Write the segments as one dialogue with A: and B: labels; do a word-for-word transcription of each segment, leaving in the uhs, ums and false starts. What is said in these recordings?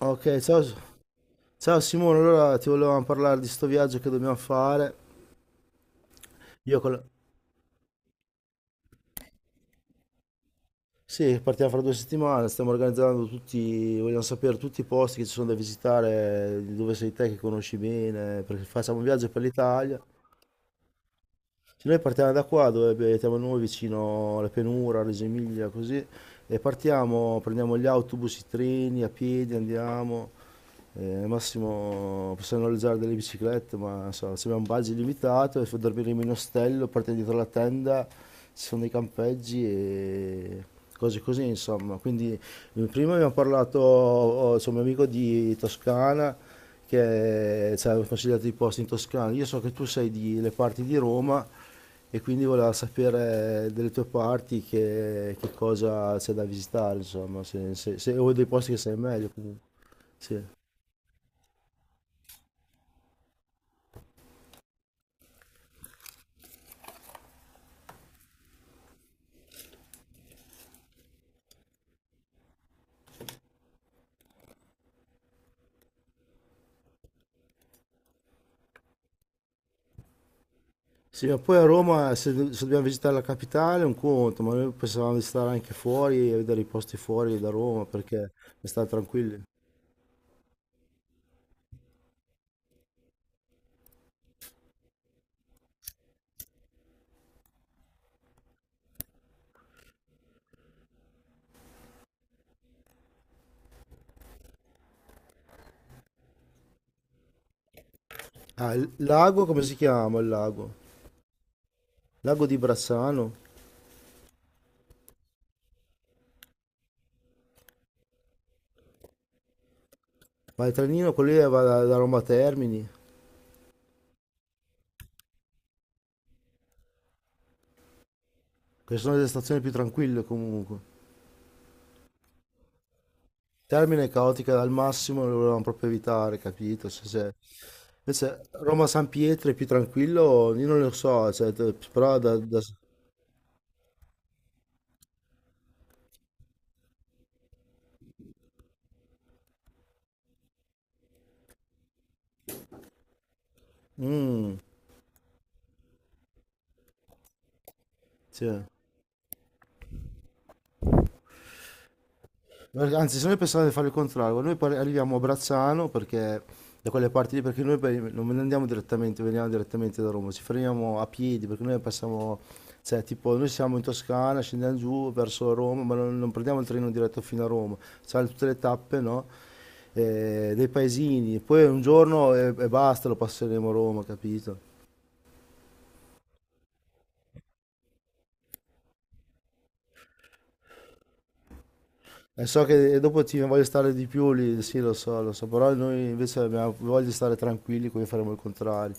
A: Ok, ciao. S- Ciao Simone, allora ti volevamo parlare di sto viaggio che dobbiamo fare. Io con la- Sì, partiamo fra due settimane, stiamo organizzando tutti, vogliamo sapere tutti i posti che ci sono da visitare, di dove sei te che conosci bene, perché facciamo un viaggio per l'Italia. Se noi partiamo da qua, dove abitiamo noi, vicino alla pianura, Reggio Emilia, così, e partiamo, prendiamo gli autobus, i treni, a piedi andiamo, eh, al massimo possiamo noleggiare delle biciclette, ma non so, se abbiamo un budget limitato, e dormiremo in ostello, partiamo dietro la tenda, ci sono dei campeggi e cose così, insomma. Quindi eh, prima abbiamo parlato, ho- ho- c'è un mio amico di Toscana, che ci consigliato i posti in Toscana. Io so che tu sei delle parti di Roma e quindi volevo sapere delle tue parti che, che cosa c'è da visitare, insomma, se, se, se- o dei posti che sai meglio comunque. Sì. Sì, ma poi a Roma se, se dobbiamo visitare la capitale è un conto, ma noi pensavamo di stare anche fuori e vedere i posti fuori da Roma perché per stare tranquilli. Ah, il lago, come si chiama il lago? Lago di Bracciano? Ma il trenino quello lì va da, da Roma a Termini. Queste sono delle stazioni più tranquille comunque. Termine caotica al massimo lo volevamo proprio evitare, capito? Se- se- Invece Roma-San Pietro è più tranquillo, io non lo so, cioè, t- però da... da... Mm, sì. Anzi, se noi pensavamo di fare il contrario, noi poi arriviamo a Brazzano perché da quelle parti lì, perché noi poi non andiamo direttamente, veniamo direttamente da Roma, ci fermiamo a piedi perché noi passiamo, cioè tipo noi siamo in Toscana, scendiamo giù verso Roma, ma non, non prendiamo il treno diretto fino a Roma, c'è tutte le tappe, no? Eh, dei paesini, poi un giorno e, e basta, lo passeremo a Roma, capito? E so che dopo ti voglio stare di più lì, sì, lo so, lo so, però noi invece abbiamo voglia di stare tranquilli, quindi faremo il contrario.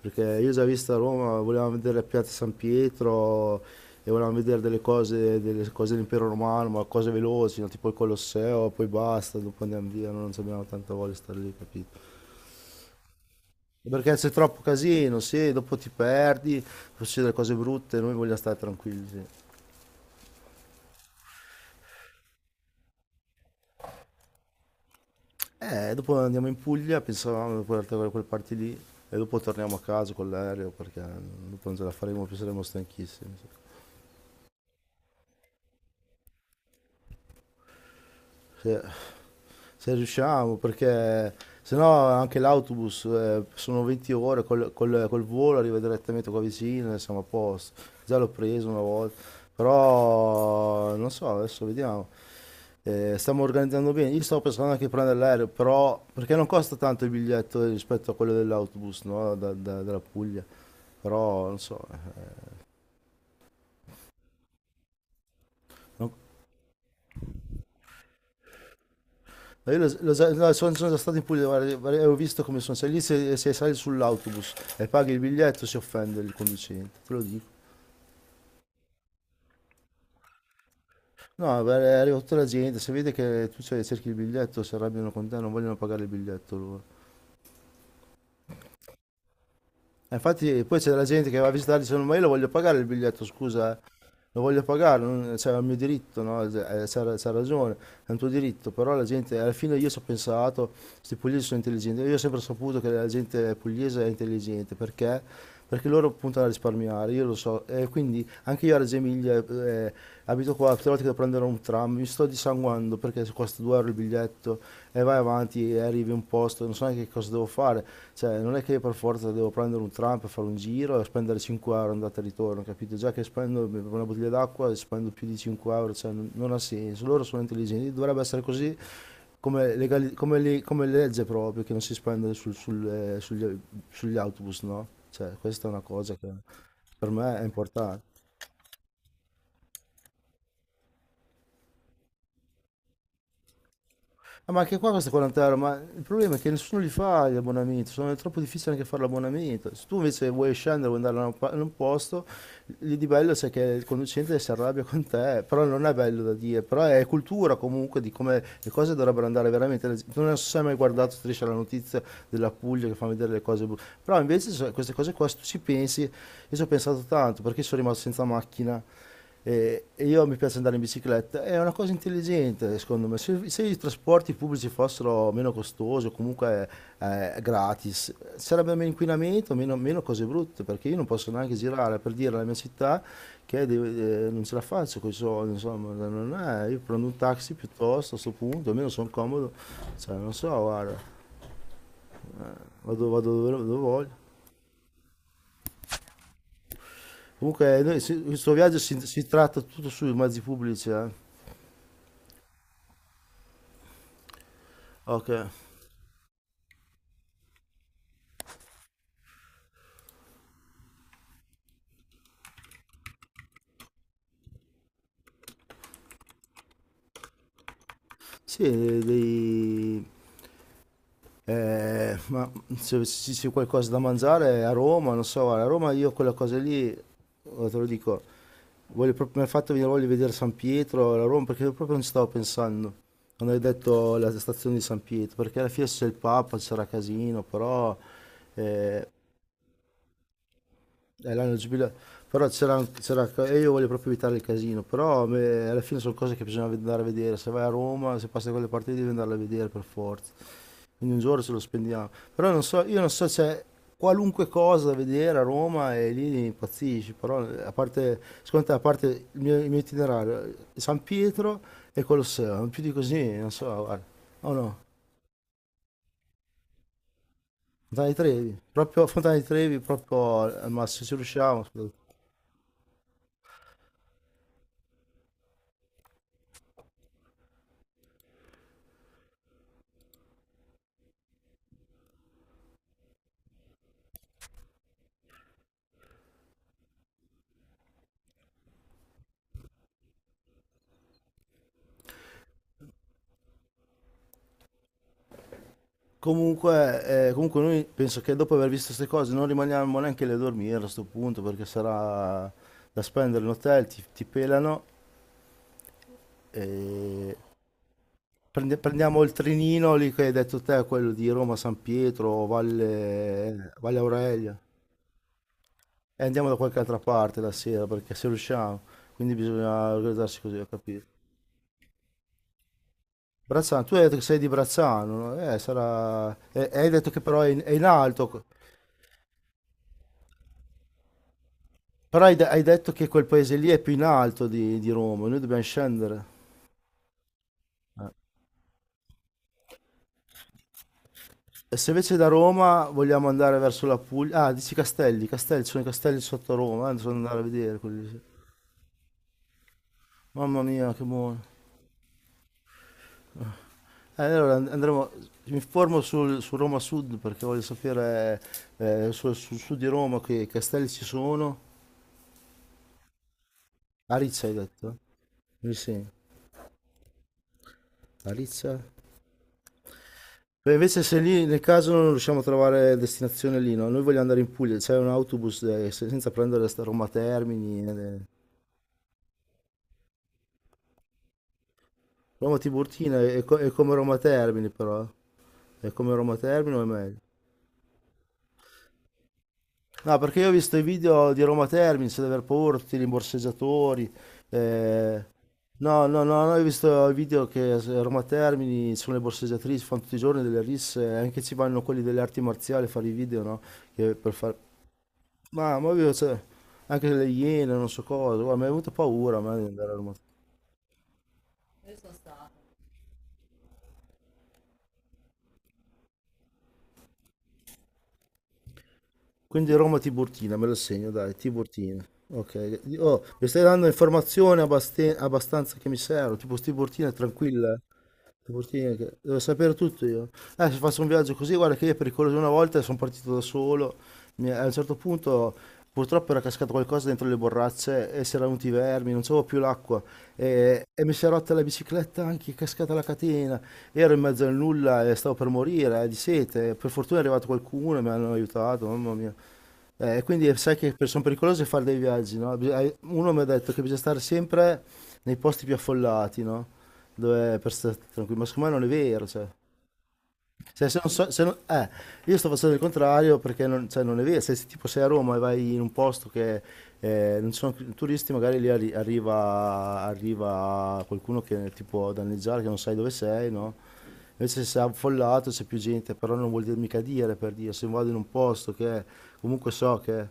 A: Perché io ho già visto a Roma, volevamo vedere la Piazza San Pietro e volevamo vedere delle cose, delle cose dell'impero romano, ma cose veloci, no? Tipo il Colosseo, poi basta, dopo andiamo via, no? Non abbiamo tanta voglia di stare lì, capito? Perché c'è troppo casino, sì, dopo ti perdi, succedono cose brutte, noi vogliamo stare tranquilli, sì. Eh, dopo andiamo in Puglia, pensavamo di portare da quelle parti lì e dopo torniamo a casa con l'aereo perché dopo non ce la faremo più, saremo stanchissimi. Sì. Se, se riusciamo, perché se no anche l'autobus eh, sono 20 ore, col, col- col volo arriva direttamente qua vicino e siamo a posto. Già l'ho preso una volta, però non so, adesso vediamo. Eh, stiamo organizzando bene. Io stavo pensando anche di prendere l'aereo, però perché non costa tanto il biglietto rispetto a quello dell'autobus, no? Da- da- dalla Puglia. Però non so, eh, non- Ma io lo- lo sa- no, sono, sono già stato in Puglia, guarda, guarda, ho visto come sono. Se lì se, se sali sull'autobus e paghi il biglietto si offende il conducente, te lo dico. No, beh, arriva tutta la gente, se vede che tu ce- cerchi il biglietto si arrabbiano con te, non vogliono pagare il biglietto loro. Eh, Infatti poi c'è della gente che va a visitare e dice ma io lo voglio pagare il biglietto, scusa, eh. Lo voglio pagare, non- cioè, è il mio diritto, no? Eh, C'ha c'ha ragione, è un tuo diritto, però la gente, alla fine io ci ho pensato, questi pugliesi sono intelligenti, io ho sempre saputo che la gente pugliese è intelligente, perché? Perché loro puntano a risparmiare, io lo so, e quindi anche io a Reggio Emilia eh, abito qua, tutte le volte che devo prendere un un tram, mi sto dissanguando perché costa due euro il biglietto e vai avanti e arrivi a un posto, non so neanche cosa devo fare, cioè non è che per forza devo prendere un tram per fare un giro e spendere cinque euro andata e ritorno, capito? Già che spendo per una bottiglia d'acqua spendo più di cinque euro, cioè non, non ha senso, loro sono intelligenti, dovrebbe essere così come, legali- come, le- come legge proprio che non si spende sul- sul, eh, sugli, sugli autobus, no? Cioè questa è una cosa che per me è importante. Ah, ma anche qua costa quaranta euro, ma il problema è che nessuno li fa gli abbonamenti, sono è troppo difficile anche fare l'abbonamento. Se tu invece vuoi scendere, vuoi andare da un pa- in un posto, lì di bello c'è che il conducente si arrabbia con te, però non è bello da dire, però è cultura comunque di come le cose dovrebbero andare veramente. La- Non so se hai mai guardato Striscia la notizia della Puglia che fa vedere le cose brutte, però invece so- queste cose qua, se tu ci pensi, io ci ho pensato tanto perché sono rimasto senza macchina. E e io mi piace andare in bicicletta, è una cosa intelligente secondo me. Se, se i trasporti pubblici fossero meno costosi o comunque eh, gratis, sarebbe meno inquinamento, meno, meno cose brutte, perché io non posso neanche girare per dire alla mia città che deve- eh, non ce la faccio con i soldi, insomma, non è, io prendo un taxi piuttosto a sto punto, almeno sono comodo, cioè, non so, guarda, vado, vado dove, dove voglio. Comunque, noi- se- questo viaggio si, si tratta tutto sui mezzi pubblici, eh. Ok. Sì, dei, eh, ma se, se c'è qualcosa da mangiare a Roma, non so, guarda, a Roma io quella cosa lì, oh, te lo dico, voglio proprio, mi ha fatto venire voglia di vedere San Pietro, la Roma, perché proprio non ci stavo pensando, quando hai detto la stazione di San Pietro, perché alla fine c'è il Papa, c'era casino, però è l'anno del giubileo, però c'era, c'era, e io voglio proprio evitare il casino, però a me- alla fine sono cose che bisogna andare a vedere, se vai a Roma, se passi da quelle parti lì, devi andarle a vedere per forza. Quindi un giorno ce lo spendiamo. Però non so, io non so, c'è qualunque cosa da vedere a Roma e lì impazzisci, però a parte, secondo te, a parte il mio, il mio itinerario, San Pietro e Colosseo, non più di così, non so, guarda. Oh no, Fontana di Trevi, proprio Fontana di Trevi, proprio al massimo, ci riusciamo. Comunque, eh, comunque noi penso che dopo aver visto queste cose non rimaniamo neanche lì a dormire a questo punto perché sarà da spendere in hotel, ti, ti pelano e Prendi- prendiamo il trinino lì che hai detto te, quello di Roma, San Pietro, Valle, Valle Aurelia, e andiamo da qualche altra parte la sera perché se riusciamo, quindi bisogna organizzarsi così, ho capito. Brazzano, tu hai detto che sei di Brazzano, no? Eh, sarà... e- e hai detto che però è in, è in alto, però hai, de- hai detto che quel paese lì è più in alto di, di Roma, noi dobbiamo scendere. E se invece da Roma vogliamo andare verso la Puglia, ah, dici Castelli, Castelli, ci sono i castelli sotto Roma, eh, bisogna andare a vedere quelli lì. Mamma mia, che buono. Eh, Allora and- andremo, mi informo sul- su Roma Sud perché voglio sapere eh, sul sul sud di Roma che castelli ci sono. Ariccia hai detto? Mi sembra. Ariccia? Beh, invece se lì nel caso non riusciamo a trovare destinazione lì, no? Noi vogliamo andare in Puglia, c'è un autobus eh, se- senza prendere sta Roma Termini. eh. eh. Roma Tiburtina è, co- è come Roma Termini però. È come Roma Termini o è meglio? No, perché io ho visto i video di Roma Termini, di aver paura, tutti i rimborseggiatori. eh, No, no, no, no, ho visto i video che a Roma Termini sono le borseggiatrici, fanno tutti i giorni delle risse, anche ci vanno quelli delle arti marziali a fare i video, no? Che per fare... Ma, ma io, cioè, anche le iene, non so cosa, guarda, mi è venuta paura a me di andare a Roma. Quindi Roma Tiburtina, me lo segno, dai, Tiburtina. Ok, oh, mi stai dando informazioni abbast- abbastanza che mi servono, tipo Tiburtina è tranquilla. Eh? Portini, che- devo sapere tutto io. Eh, se faccio un viaggio così, guarda che io è pericoloso una volta sono partito da solo. Mi- a un certo punto purtroppo era cascato qualcosa dentro le borracce e si erano venuti i vermi, non c'avevo più l'acqua e, e mi si è rotta la bicicletta anche, è cascata la catena. Ero in mezzo al nulla e stavo per morire eh, di sete. Per fortuna è arrivato qualcuno e mi hanno aiutato, mamma mia. Eh, quindi sai che per- sono pericolose fare dei viaggi, no? Bis- hai- Uno mi ha detto che bisogna stare sempre nei posti più affollati, no? Dove per stare tranquilli, ma secondo me non è vero, cioè. Se, se non so- se non- eh, Io sto facendo il contrario perché non, cioè, non è vero. Se, se tipo sei a Roma e vai in un posto che eh, non ci sono turisti, magari lì arri- arriva, arriva qualcuno che ti può danneggiare, che non sai dove sei, no? Invece se è affollato c'è più gente, però non vuol dire mica dire per dire, se vado in un posto che comunque so che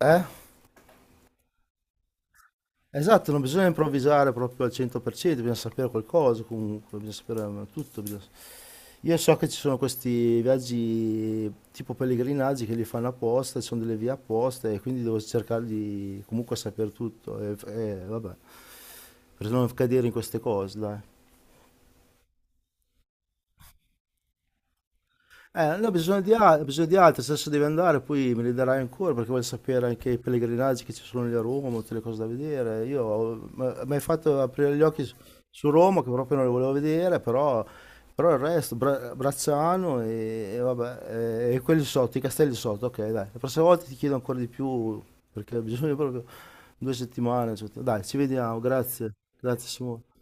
A: eh? Esatto, non bisogna improvvisare proprio al cento per cento, bisogna sapere qualcosa comunque, bisogna sapere eh, tutto. bisogna- Io so che ci sono questi viaggi tipo pellegrinaggi che li fanno apposta, ci sono delle vie apposta e quindi devo cercare di comunque sapere tutto e, e vabbè, per non cadere in queste cose, dai. Eh, ne ho bisogno di, al- ho bisogno di altri, se adesso devi andare poi me li darai ancora perché voglio sapere anche i pellegrinaggi che ci sono lì a Roma, tutte le cose da vedere. Io ho- m- mi hai fatto aprire gli occhi su, su Roma che proprio non le volevo vedere, però, però il resto, Bra- Bracciano e, e vabbè, e, e quelli sotto, i castelli sotto, ok dai, la prossima volta ti chiedo ancora di più perché ho bisogno proprio due settimane, cioè, dai, ci vediamo, grazie, grazie Simone.